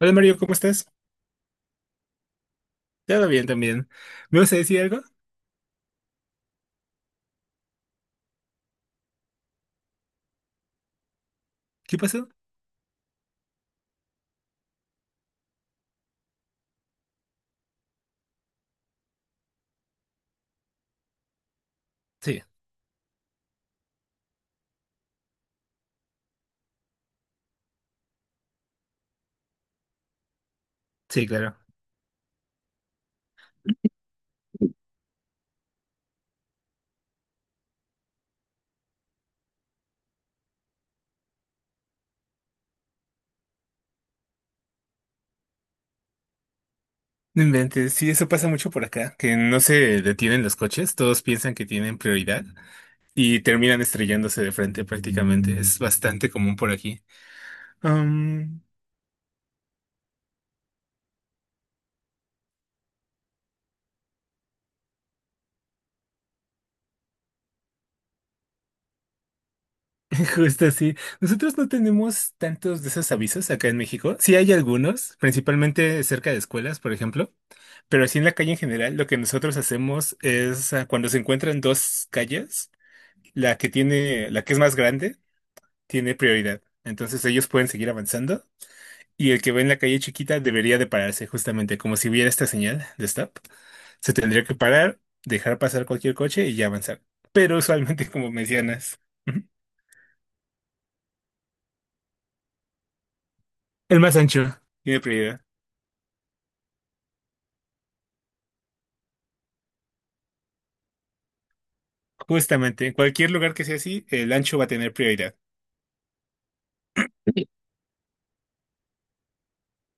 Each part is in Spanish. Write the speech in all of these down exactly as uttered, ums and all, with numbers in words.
Hola Mario, ¿cómo estás? Todo bien también. ¿Me vas a decir algo? ¿Qué pasó? Sí, sí, claro. No inventes, sí, eso pasa mucho por acá, que no se detienen los coches, todos piensan que tienen prioridad y terminan estrellándose de frente prácticamente. Es bastante común por aquí. Am, justo así. Nosotros no tenemos tantos de esos avisos acá en México. Sí hay algunos, principalmente cerca de escuelas, por ejemplo, pero así en la calle en general, lo que nosotros hacemos es ah, cuando se encuentran dos calles. La que tiene, la que es más grande, tiene prioridad. Entonces ellos pueden seguir avanzando y el que ve en la calle chiquita debería de pararse justamente como si viera esta señal de stop. Se tendría que parar, dejar pasar cualquier coche y ya avanzar. Pero usualmente, como mencionas, ujú, el más ancho tiene prioridad. Justamente, en cualquier lugar que sea así, el ancho va a tener prioridad.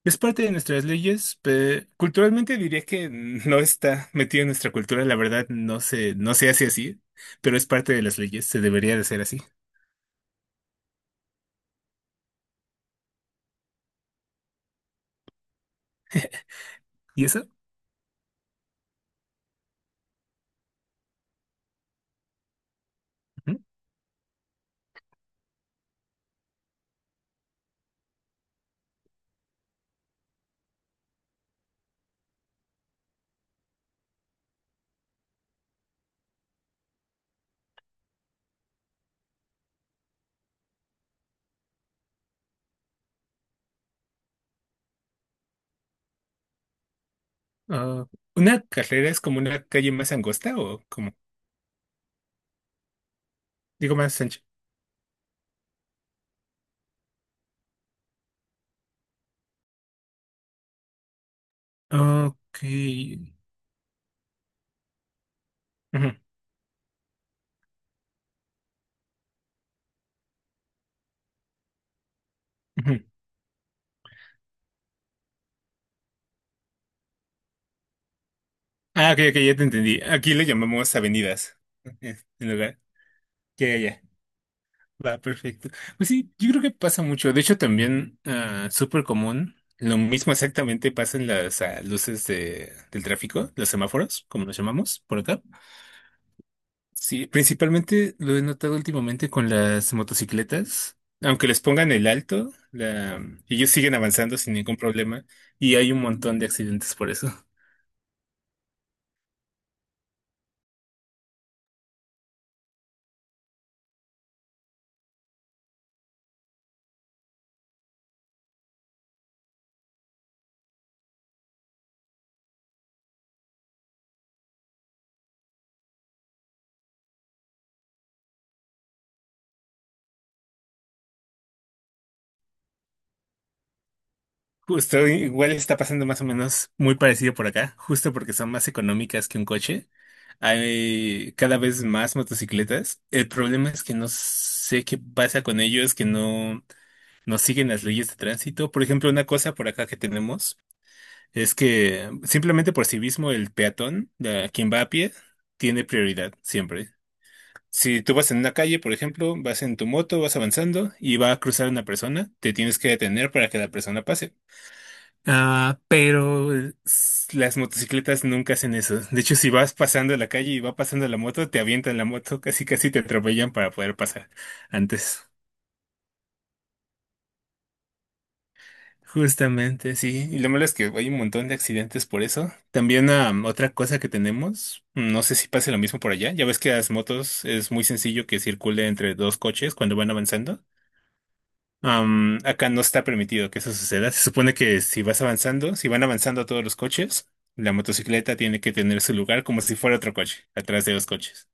Es parte de nuestras leyes, pero culturalmente diría que no está metido en nuestra cultura, la verdad no se, no se hace así, pero es parte de las leyes, se debería de hacer así. ¿Y eso? Ujú. Ah, ¿una carrera es como una calle más angosta o como, digo, más ancha? Ok. Ujú, ujú. Ah, ok, ok, ya te entendí. Aquí le llamamos avenidas, eh, en lugar. Ya, ya, ya. Va, perfecto. Pues sí, yo creo que pasa mucho. De hecho, también ah, súper común. Lo mismo exactamente pasa en las ah, luces de, del tráfico, los semáforos, como los llamamos por acá. Sí, principalmente lo he notado últimamente con las motocicletas. Aunque les pongan el alto, la- ellos siguen avanzando sin ningún problema y hay un montón de accidentes por eso. Justo, igual está pasando más o menos muy parecido por acá, justo porque son más económicas que un coche. Hay cada vez más motocicletas. El problema es que no sé qué pasa con ellos, que no, no siguen las leyes de tránsito. Por ejemplo, una cosa por acá que tenemos es que simplemente por sí mismo el peatón, la- quien va a pie, tiene prioridad siempre. Si tú vas en una calle, por ejemplo, vas en tu moto, vas avanzando y va a cruzar una persona, te tienes que detener para que la persona pase. Ah, pero eh, s- las motocicletas nunca hacen eso. De hecho, si vas pasando la calle y va pasando la moto, te avientan la moto, casi casi te atropellan para poder pasar antes. Justamente, sí. Y lo malo es que hay un montón de accidentes por eso. También am, otra cosa que tenemos, no sé si pase lo mismo por allá. Ya ves que las motos es muy sencillo que circule entre dos coches cuando van avanzando. Am, acá no está permitido que eso suceda. Se supone que si vas avanzando, si van avanzando todos los coches, la motocicleta tiene que tener su lugar como si fuera otro coche, atrás de los coches.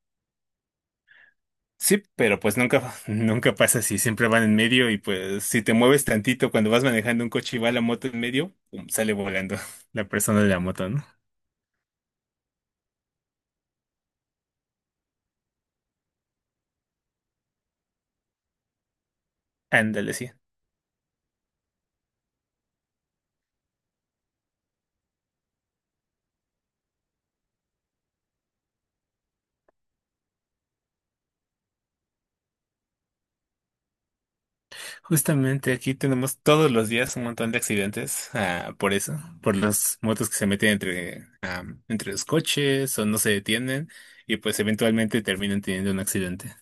Sí, pero pues nunca, nunca pasa así, siempre van en medio y pues si te mueves tantito cuando vas manejando un coche y va la moto en medio, pum, sale volando la persona de la moto, ¿no? Ándale, sí. Justamente aquí tenemos todos los días un montón de accidentes, ah, por eso, por las motos que se meten entre, ah, entre los coches o no se detienen y pues eventualmente terminan teniendo un accidente.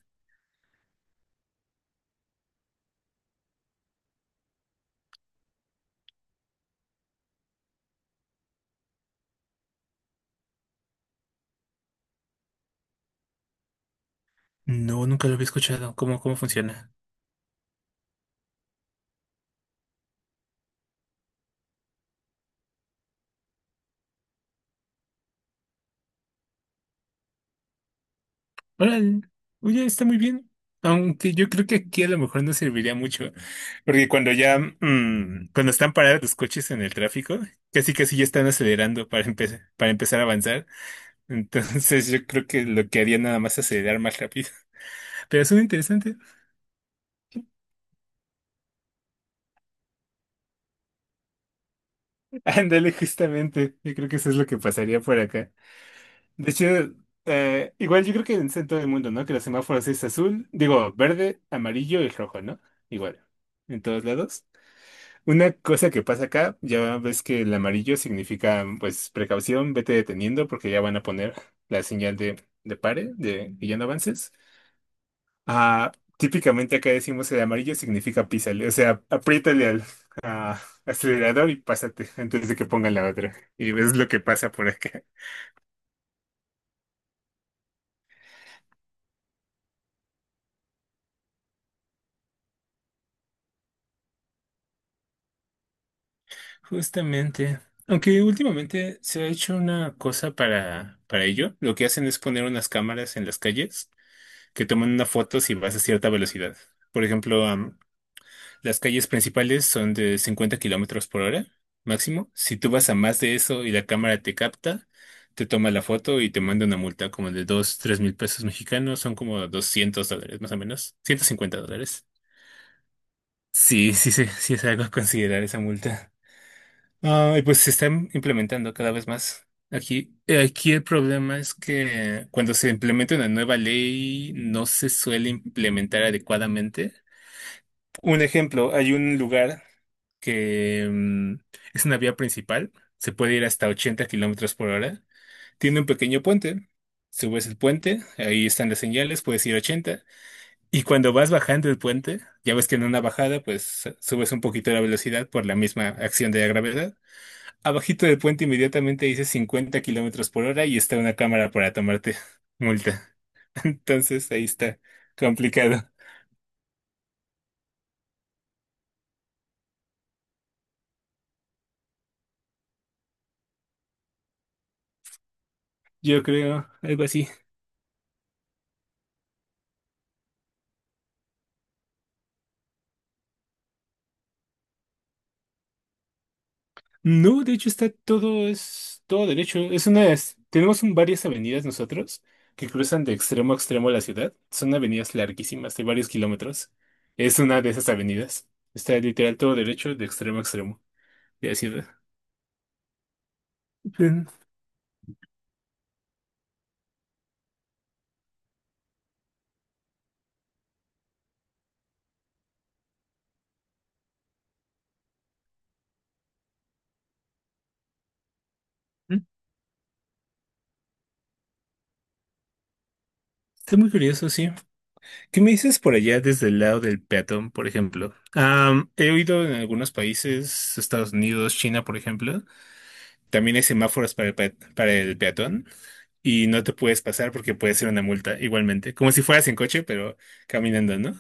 No, nunca lo había escuchado. ¿Cómo, cómo funciona? Órale. Oye, está muy bien. Aunque yo creo que aquí a lo mejor no serviría mucho. Porque cuando ya, mm, cuando están parados los coches en el tráfico, casi casi ya están acelerando para empezar, para empezar a avanzar. Entonces yo creo que lo que haría nada más es acelerar más rápido. Pero es muy interesante. Ándale, justamente. Yo creo que eso es lo que pasaría por acá. De hecho, eh, igual yo creo que en todo el mundo, ¿no? Que los semáforos es azul, digo, verde, amarillo y rojo, ¿no? Igual, en todos lados. Una cosa que pasa acá, ya ves que el amarillo significa, pues, precaución, vete deteniendo porque ya van a poner la señal de, de pare, de que ya no avances. Ah, típicamente acá decimos el amarillo significa písale, o sea, apriétale al ah, acelerador y pásate antes de que pongan la otra. Y ves lo que pasa por acá. Justamente. Aunque últimamente se ha hecho una cosa para, para ello. Lo que hacen es poner unas cámaras en las calles que toman una foto si vas a cierta velocidad. Por ejemplo, am, las calles principales son de cincuenta kilómetros por hora máximo. Si tú vas a más de eso y la cámara te capta, te toma la foto y te manda una multa como de dos, tres mil pesos mexicanos. Son como doscientos dólares más o menos. Ciento cincuenta dólares. Sí, sí, sí, sí es algo a considerar esa multa. Ah, y pues se está im- implementando cada vez más. Aquí, eh, aquí el problema es que cuando se implementa una nueva ley no se suele implementar adecuadamente. Un ejemplo, hay un lugar que mm, es una vía principal, se puede ir hasta ochenta kilómetros por hora, tiene un pequeño puente, subes el puente, ahí están las señales, puedes ir ochenta, y cuando vas bajando el puente, ya ves que en una bajada, pues subes un poquito la velocidad por la misma acción de la gravedad, abajito del puente inmediatamente dice cincuenta kilómetros por hora y está una cámara para tomarte multa. Entonces ahí está complicado. Yo creo algo así. No, de hecho está todo, es todo derecho. Es una, es- tenemos un- varias avenidas nosotros que cruzan de extremo a extremo la ciudad. Son avenidas larguísimas, de varios kilómetros. Es una de esas avenidas. Está literal todo derecho de extremo a extremo de la ciudad. Pero, mm, está muy curioso, sí. ¿Qué me dices por allá desde el lado del peatón, por ejemplo? Am, he oído en algunos países, Estados Unidos, China, por ejemplo, también hay semáforos para el, pe- para el peatón y no te puedes pasar porque puede ser una multa igualmente, como si fueras en coche, pero caminando, ¿no?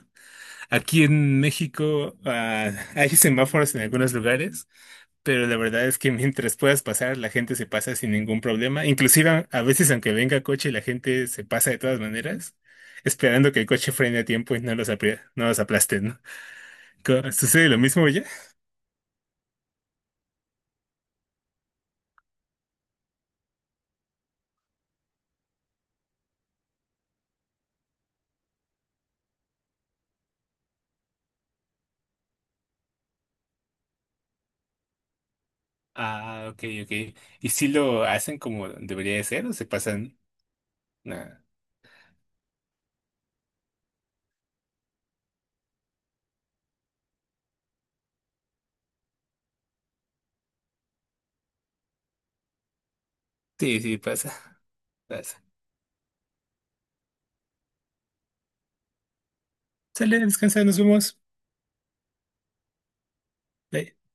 Aquí en México, ah, hay semáforos en algunos lugares, pero la verdad es que mientras puedas pasar, la gente se pasa sin ningún problema. Inclusive a a veces aunque venga coche, la gente se pasa de todas maneras, esperando que el coche frene a tiempo y no los, apri- no los aplasten, ¿no? Co- ¿Sucede lo mismo ya? Ah, ok, ok. ¿Y si lo hacen como debería de ser o se pasan? Nah. Sí, sí, pasa, pasa. Sale, descansa, nos vemos. Bye.